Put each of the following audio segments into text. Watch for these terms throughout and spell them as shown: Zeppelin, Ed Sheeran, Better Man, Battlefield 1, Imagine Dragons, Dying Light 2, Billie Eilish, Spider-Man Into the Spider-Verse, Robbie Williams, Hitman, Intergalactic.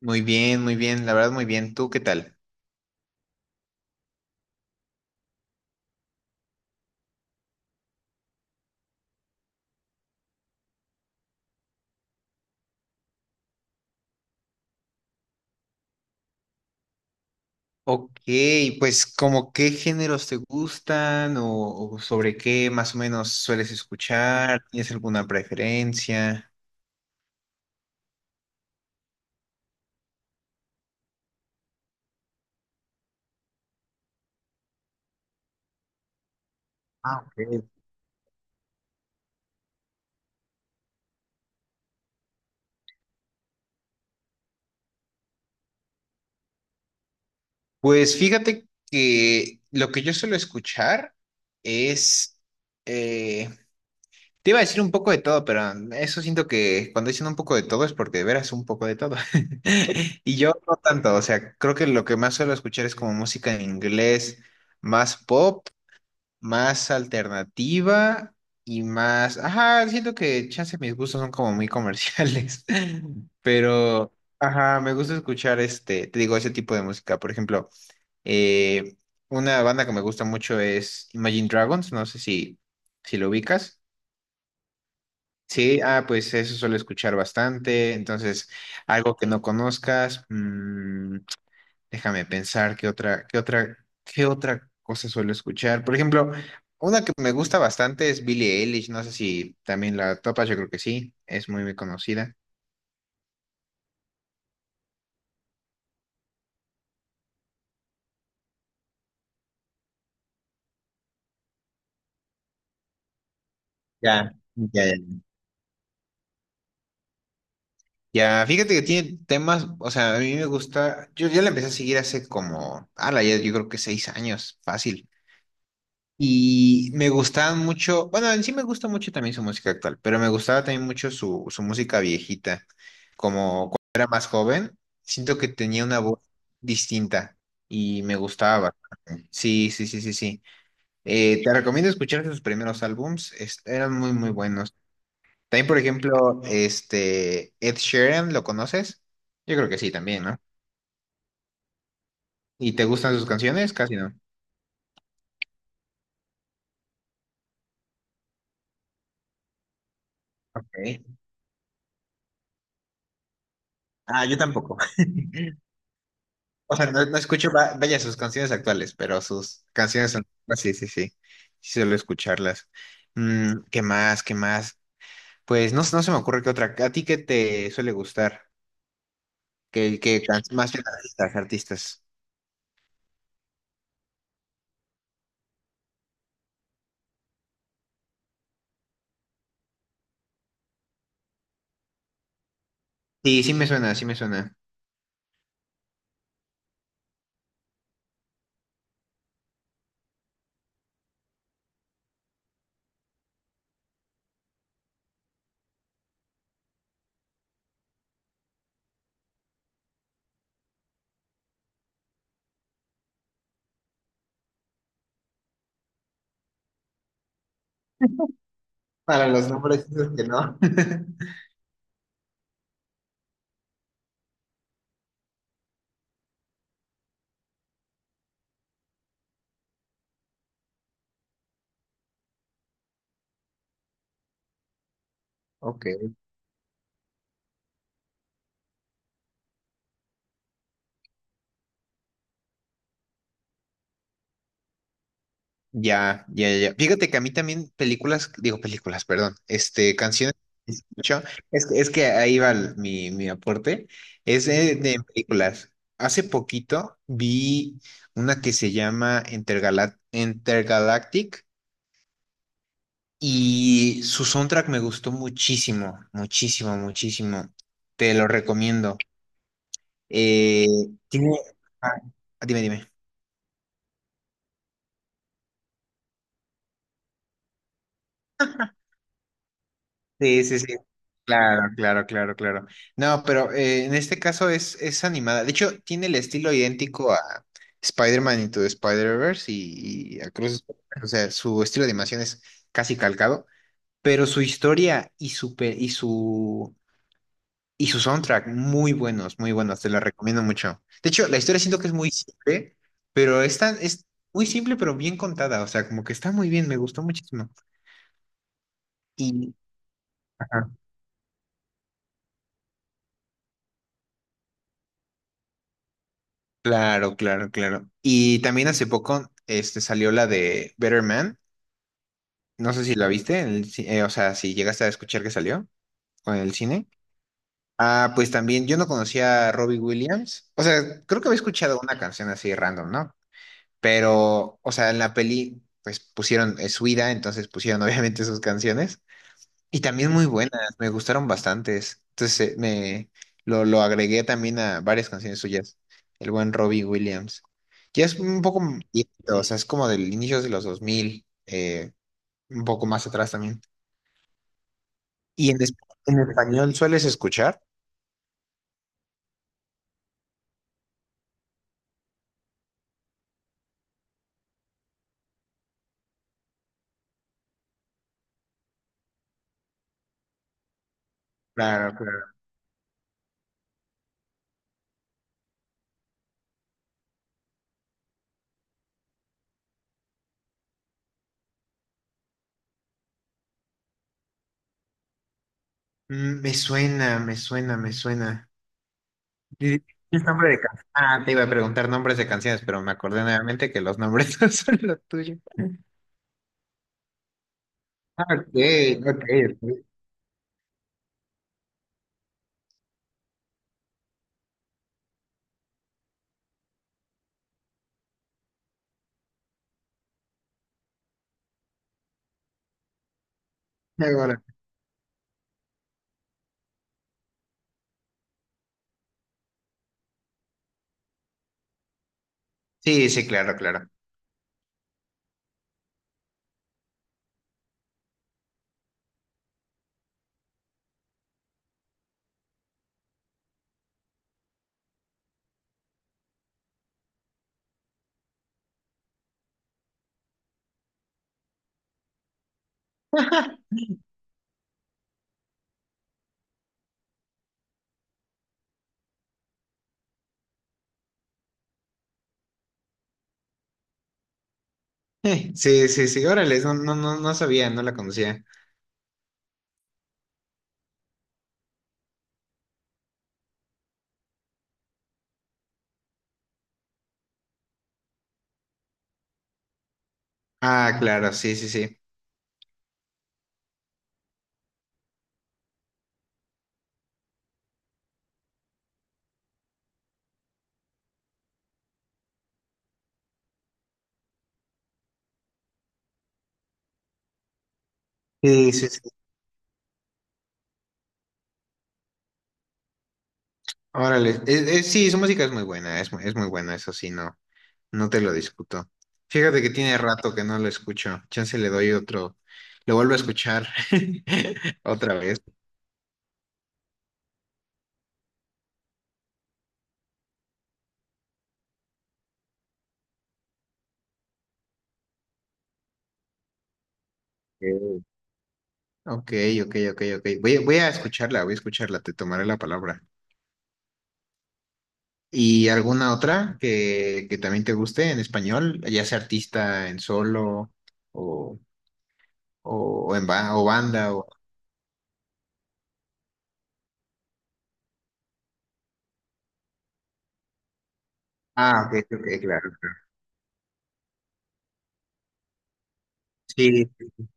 Muy bien, la verdad muy bien. ¿Tú qué tal? Ok, pues como qué géneros te gustan , o sobre qué más o menos sueles escuchar, ¿tienes alguna preferencia? Ah, ok. Pues fíjate que lo que yo suelo escuchar es, eh, te iba a decir un poco de todo, pero eso siento que cuando dicen un poco de todo es porque de veras un poco de todo. Y yo no tanto, o sea, creo que lo que más suelo escuchar es como música en inglés, más pop, más alternativa y más, ajá, siento que chance mis gustos son como muy comerciales, pero ajá, me gusta escuchar este, te digo, ese tipo de música. Por ejemplo, eh, una banda que me gusta mucho es Imagine Dragons, no sé si lo ubicas. Sí, ah, pues eso suelo escuchar bastante, entonces algo que no conozcas. Déjame pensar qué otra cosa suelo escuchar. Por ejemplo, una que me gusta bastante es Billie Eilish. No sé si también la topas, yo creo que sí. Es muy, muy conocida. Ya, ya, ya. Ya, fíjate que tiene temas, o sea, a mí me gusta. Yo ya la empecé a seguir hace como, ala, ya yo creo que seis años, fácil. Y me gustaban mucho, bueno, en sí me gusta mucho también su música actual, pero me gustaba también mucho su música viejita. Como cuando era más joven, siento que tenía una voz distinta y me gustaba bastante. Sí, sí, sí, sí, sí. Te recomiendo escuchar sus primeros álbums, eran muy, muy buenos. También, por ejemplo, este, Ed Sheeran, ¿lo conoces? Yo creo que sí, también, ¿no? ¿Y te gustan sus canciones? Casi no. Ok. Ah, yo tampoco. O sea, no, no escucho, vaya, sus canciones actuales, pero sus canciones antiguas, sí, sí, sí. Sí suelo escucharlas. Mm, ¿qué más? ¿Qué más? Pues no, no se me ocurre que otra. ¿A ti qué te suele gustar? ¿Qué, más bien artistas, artistas? Sí, sí me suena, sí me suena. Para los nombres, dices que no. Ok. Ya, ya, ya. Fíjate que a mí también películas, digo películas, perdón, este, canciones. Yo- es que ahí va mi, mi aporte. Es de películas. Hace poquito vi una que se llama Intergalactic y su soundtrack me gustó muchísimo, muchísimo, muchísimo. Te lo recomiendo. Eh, tiene... ah, dime, dime. Sí, sí, sí. Claro, claro, claro, claro. No, pero en este caso es animada. De hecho, tiene el estilo idéntico a Spider-Man Into the Spider-Verse y a Cruz. O sea, su estilo de animación es casi calcado, pero su historia y su, pe- y su soundtrack, muy buenos, muy buenos. Te la recomiendo mucho. De hecho, la historia siento que es muy simple, pero es muy simple, pero bien contada. O sea, como que está muy bien, me gustó muchísimo. Y, claro, claro, claro. Y también hace poco este, salió la de Better Man. No sé si la viste, en o sea, si llegaste a escuchar que salió en el cine. Ah, pues también yo no conocía a Robbie Williams. O sea, creo que había escuchado una canción así random, ¿no? Pero, o sea, en la peli, pues pusieron su vida, entonces pusieron obviamente sus canciones. Y también muy buenas, me gustaron bastantes. Entonces me lo agregué también a varias canciones suyas, el buen Robbie Williams. Ya es un poco viejito, o sea, es como del inicio de los 2000, un poco más atrás también. ¿Y en, en español sueles escuchar? Claro, claro. Mm, me suena, me suena, me suena. Di- di nombre de can- Ah, te iba a preguntar nombres de canciones, pero me acordé nuevamente que los nombres no son los tuyos. Ah, ok, ok, ok. Ahora. Sí, sí, claro, claro. Sí, sí, sí, órale, no, no, no, no sabía, no la conocía. Ah, claro, sí, sí, sí. Sí, sí, sí. Órale, sí, su música es muy buena, es, es muy buena, eso sí, no, no te lo discuto. Fíjate que tiene rato que no lo escucho, chance le doy otro, lo vuelvo a escuchar otra vez. Ok, ok, ok, ok. Voy a escucharla, te tomaré la palabra. ¿Y alguna otra que también te guste en español, ya sea artista en solo o... o banda, o... Ah, ok, ok, ok, claro, claro. Sí, sí, sí.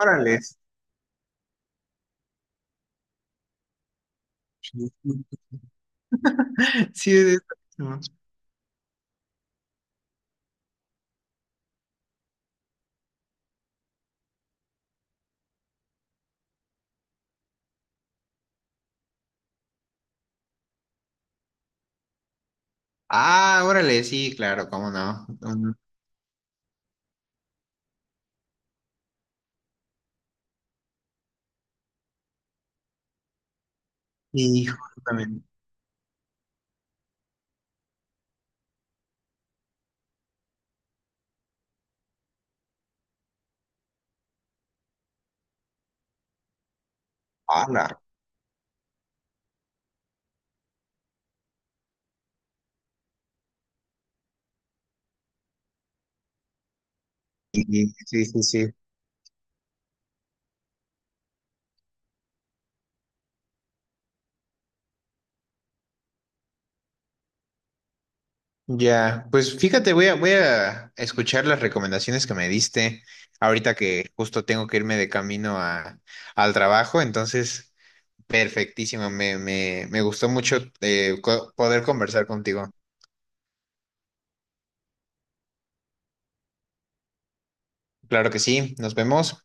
Órale. Sí, de eso mismo. Ah, órale, sí, claro, cómo no. Mm, y justamente. Ala. Sí, sí, sí, sí. Ya, pues fíjate, voy a escuchar las recomendaciones que me diste ahorita que justo tengo que irme de camino a, al trabajo, entonces, perfectísimo, me gustó mucho poder conversar contigo. Claro que sí, nos vemos.